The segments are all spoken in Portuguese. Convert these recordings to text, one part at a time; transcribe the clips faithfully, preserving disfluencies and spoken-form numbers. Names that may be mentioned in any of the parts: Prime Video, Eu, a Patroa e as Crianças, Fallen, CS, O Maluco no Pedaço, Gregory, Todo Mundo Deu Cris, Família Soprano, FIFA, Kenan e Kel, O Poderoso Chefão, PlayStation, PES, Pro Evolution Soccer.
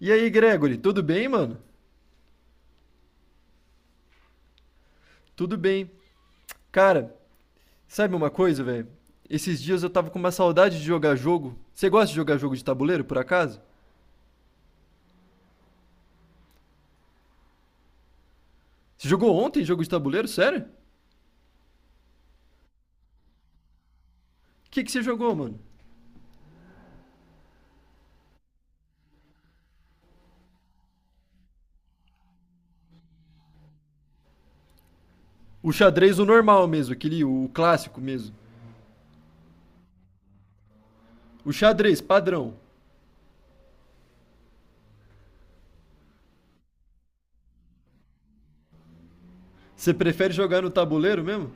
E aí, Gregory, tudo bem, mano? Tudo bem. Cara, sabe uma coisa, velho? Esses dias eu tava com uma saudade de jogar jogo. Você gosta de jogar jogo de tabuleiro, por acaso? Você jogou ontem jogo de tabuleiro? Sério? O que que você jogou, mano? O xadrez, o normal mesmo, aquele, o clássico mesmo. O xadrez, padrão. Você prefere jogar no tabuleiro mesmo?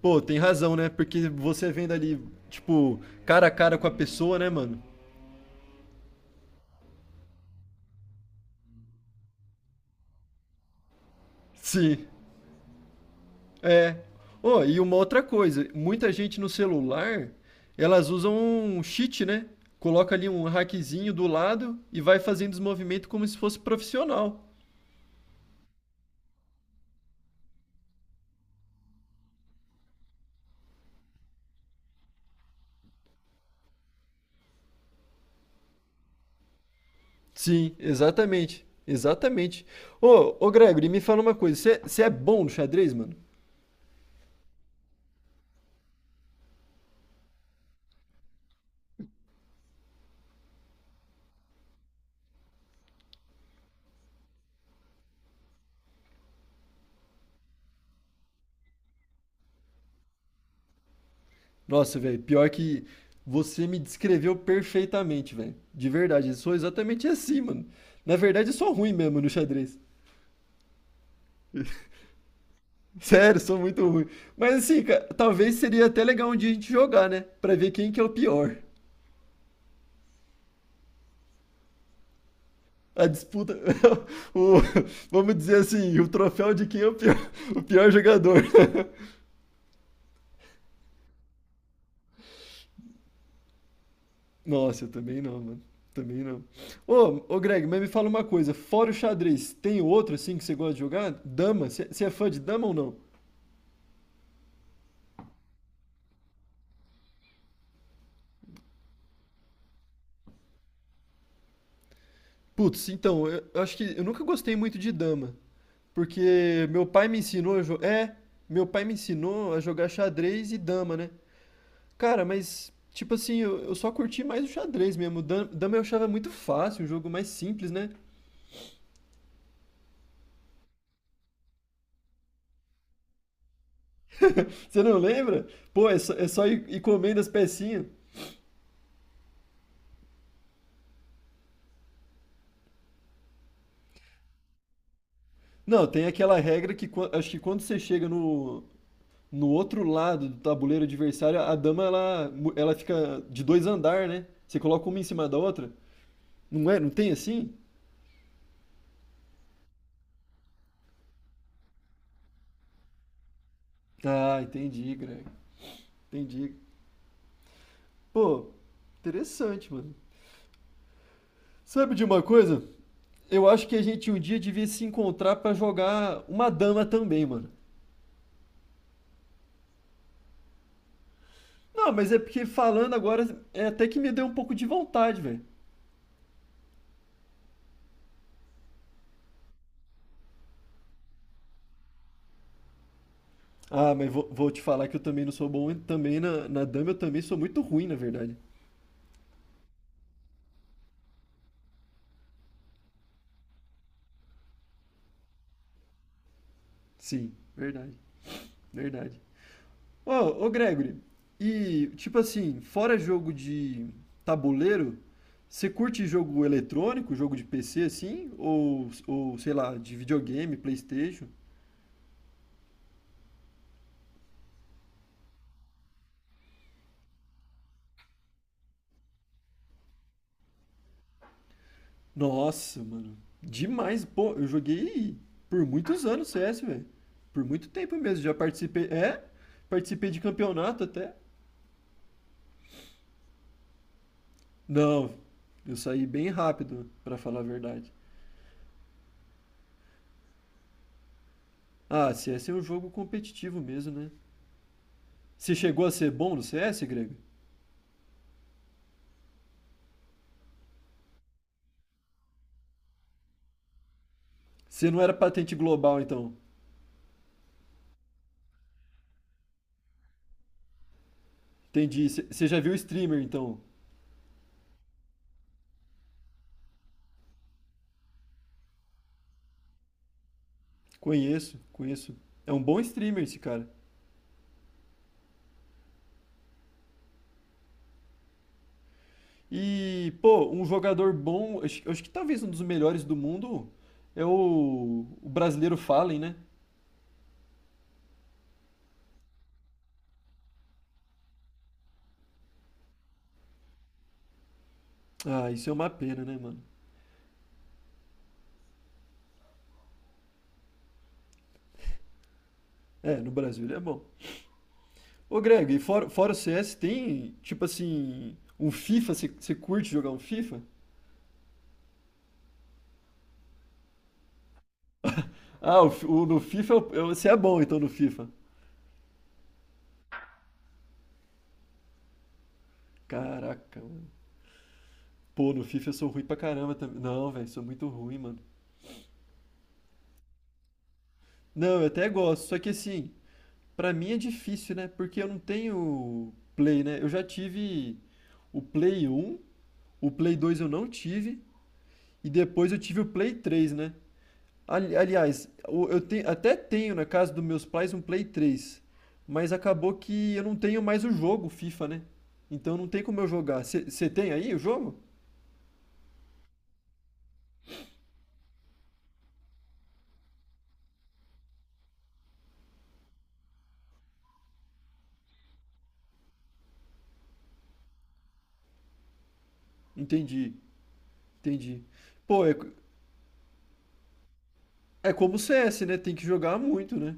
Pô, tem razão, né? Porque você vendo ali, tipo, cara a cara com a pessoa, né, mano? Sim. É. Oh, e uma outra coisa, muita gente no celular, elas usam um cheat, né? Coloca ali um hackzinho do lado e vai fazendo os movimentos como se fosse profissional. Sim, exatamente. Exatamente. Ô, ô Gregory, me fala uma coisa, você é bom no xadrez, mano? Nossa, velho, pior que você me descreveu perfeitamente, velho. De verdade, eu sou exatamente assim, mano. Na verdade, eu sou ruim mesmo no xadrez. Sério, sou muito ruim. Mas assim, cara, talvez seria até legal um dia a gente jogar, né? Pra ver quem que é o pior. A disputa, o, vamos dizer assim, o troféu de quem é o pior, o pior jogador. Nossa, eu também não, mano. Também não. Ô, ô Greg, mas me fala uma coisa. Fora o xadrez, tem outro assim que você gosta de jogar? Dama? Você você é fã de dama ou não? Putz, então, eu, eu acho que eu nunca gostei muito de dama. Porque meu pai me ensinou a jogar. É, meu pai me ensinou a jogar xadrez e dama, né? Cara, mas, tipo assim, eu, eu só curti mais o xadrez mesmo. O dam- Dama eu achava muito fácil, um jogo mais simples, né? Você não lembra? Pô, é só, é só ir, ir comendo as pecinhas. Não, tem aquela regra que quan- acho que quando você chega no, no outro lado do tabuleiro adversário, a dama ela, mu- ela fica de dois andar, né? Você coloca uma em cima da outra. Não é? Não tem assim? Ah, entendi, Greg. Entendi. Pô, interessante, mano. Sabe de uma coisa? Eu acho que a gente um dia devia se encontrar pra jogar uma dama também, mano. Não, mas é porque falando agora é até que me deu um pouco de vontade, velho. Ah, mas vou, vou te falar que eu também não sou bom em- também na, na dama, eu também sou muito ruim, na verdade. Sim, verdade, verdade. Ô, ô Gregory, e tipo assim, fora jogo de tabuleiro, você curte jogo eletrônico, jogo de P C assim? Ou, ou sei lá, de videogame, PlayStation? Nossa, mano. Demais. Pô, eu joguei por muitos anos C S, velho. Por muito tempo mesmo. Já participei. É? Participei de campeonato até. Não, eu saí bem rápido, pra falar a verdade. Ah, C S é um jogo competitivo mesmo, né? Você chegou a ser bom no C S, Grego? Você não era patente global, então. Entendi. Você você já viu o streamer, então? Conheço, conheço. É um bom streamer esse cara. E, pô, um jogador bom, acho, acho que talvez um dos melhores do mundo é o, o brasileiro Fallen, né? Ah, isso é uma pena, né, mano? É, no Brasil ele é bom. Ô, Greg, e fora, fora o C S tem, tipo assim, um FIFA? Você você curte jogar um FIFA? Ah, o, fi- o- no FIFA você é bom então no FIFA. Caraca, mano. Pô, no FIFA eu sou ruim pra caramba também. Não, velho, sou muito ruim, mano. Não, eu até gosto, só que assim. Pra mim é difícil, né? Porque eu não tenho Play, né? Eu já tive o Play um, o Play dois eu não tive, e depois eu tive o Play três, né? Ali- Aliás, o- eu te- até tenho na casa dos meus pais um Play três, mas acabou que eu não tenho mais o jogo FIFA, né? Então não tem como eu jogar. Você tem aí o jogo? Entendi, entendi. Pô, é, co- é como o C S, né? Tem que jogar muito, né?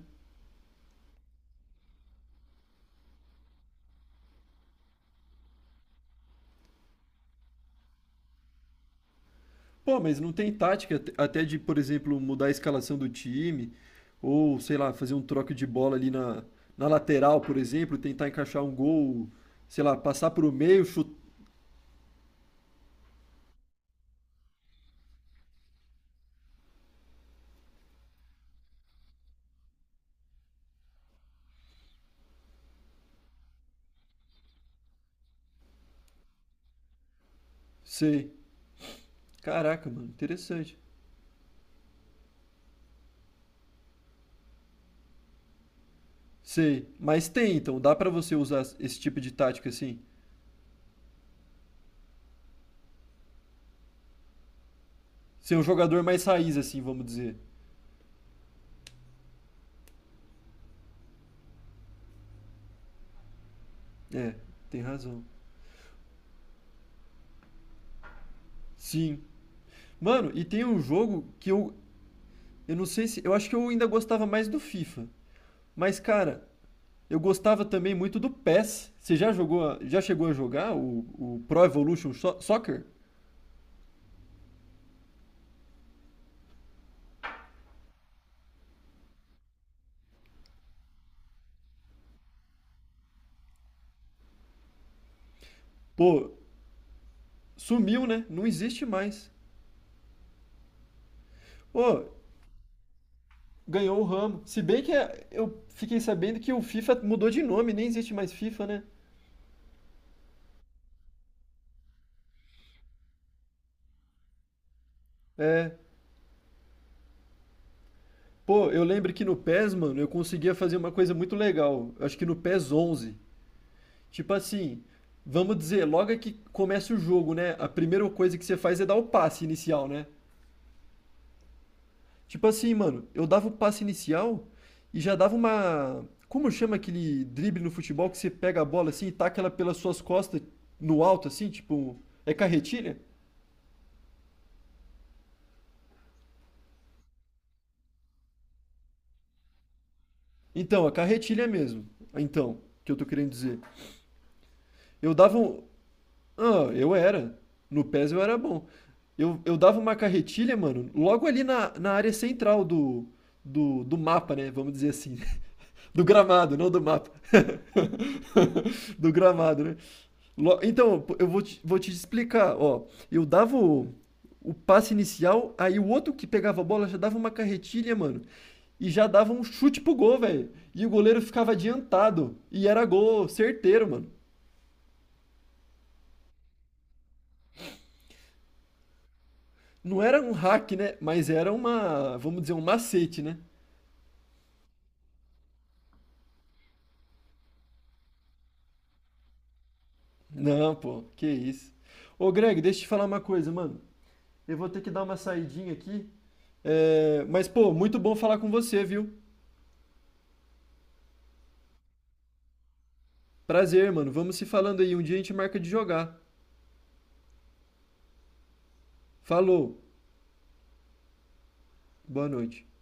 Pô, mas não tem tática at- até de, por exemplo, mudar a escalação do time, ou sei lá, fazer um troco de bola ali na, na lateral, por exemplo, tentar encaixar um gol, sei lá, passar pro meio, chutar. Sei. Caraca, mano, interessante. Sei. Mas tem, então, dá pra você usar esse tipo de tática assim? Ser um jogador mais raiz, assim, vamos dizer. É, tem razão. Sim. Mano, e tem um jogo que eu. Eu não sei se. Eu acho que eu ainda gostava mais do FIFA. Mas, cara, Eu gostava também muito do PES. Você já jogou, a- já chegou a jogar o, o Pro Evolution So- Soccer? Pô, sumiu, né? Não existe mais. Pô, ganhou o ramo. Se bem que é- eu fiquei sabendo que o FIFA mudou de nome, nem existe mais FIFA, né? É. Pô, eu lembro que no PES, mano, eu conseguia fazer uma coisa muito legal. Eu Acho que no PES onze. Tipo assim, vamos dizer, logo é que começa o jogo, né? A primeira coisa que você faz é dar o passe inicial, né? Tipo assim, mano, eu dava o passe inicial e já dava uma. Como chama aquele drible no futebol que você pega a bola assim e taca ela pelas suas costas no alto, assim? Tipo. É carretilha? Então, a carretilha mesmo. Então, que eu tô querendo dizer. Eu dava um. Ah, eu era. No PES eu era bom. Eu, eu dava uma carretilha, mano, logo ali na, na área central do, do, do mapa, né? Vamos dizer assim. Do gramado, não do mapa. Do gramado, né? Lo- Então, pô, eu vou te, vou te explicar, ó. Eu dava o, o passe inicial, aí o outro que pegava a bola já dava uma carretilha, mano. E já dava um chute pro gol, velho. E o goleiro ficava adiantado. E era gol certeiro, mano. Não era um hack, né? Mas era uma, vamos dizer, um macete, né? Não, pô, que isso. Ô, Greg, deixa eu te falar uma coisa, mano. Eu vou ter que dar uma saidinha aqui. É, mas, pô, muito bom falar com você, viu? Prazer, mano. Vamos se falando aí. Um dia a gente marca de jogar. Falou. Boa noite.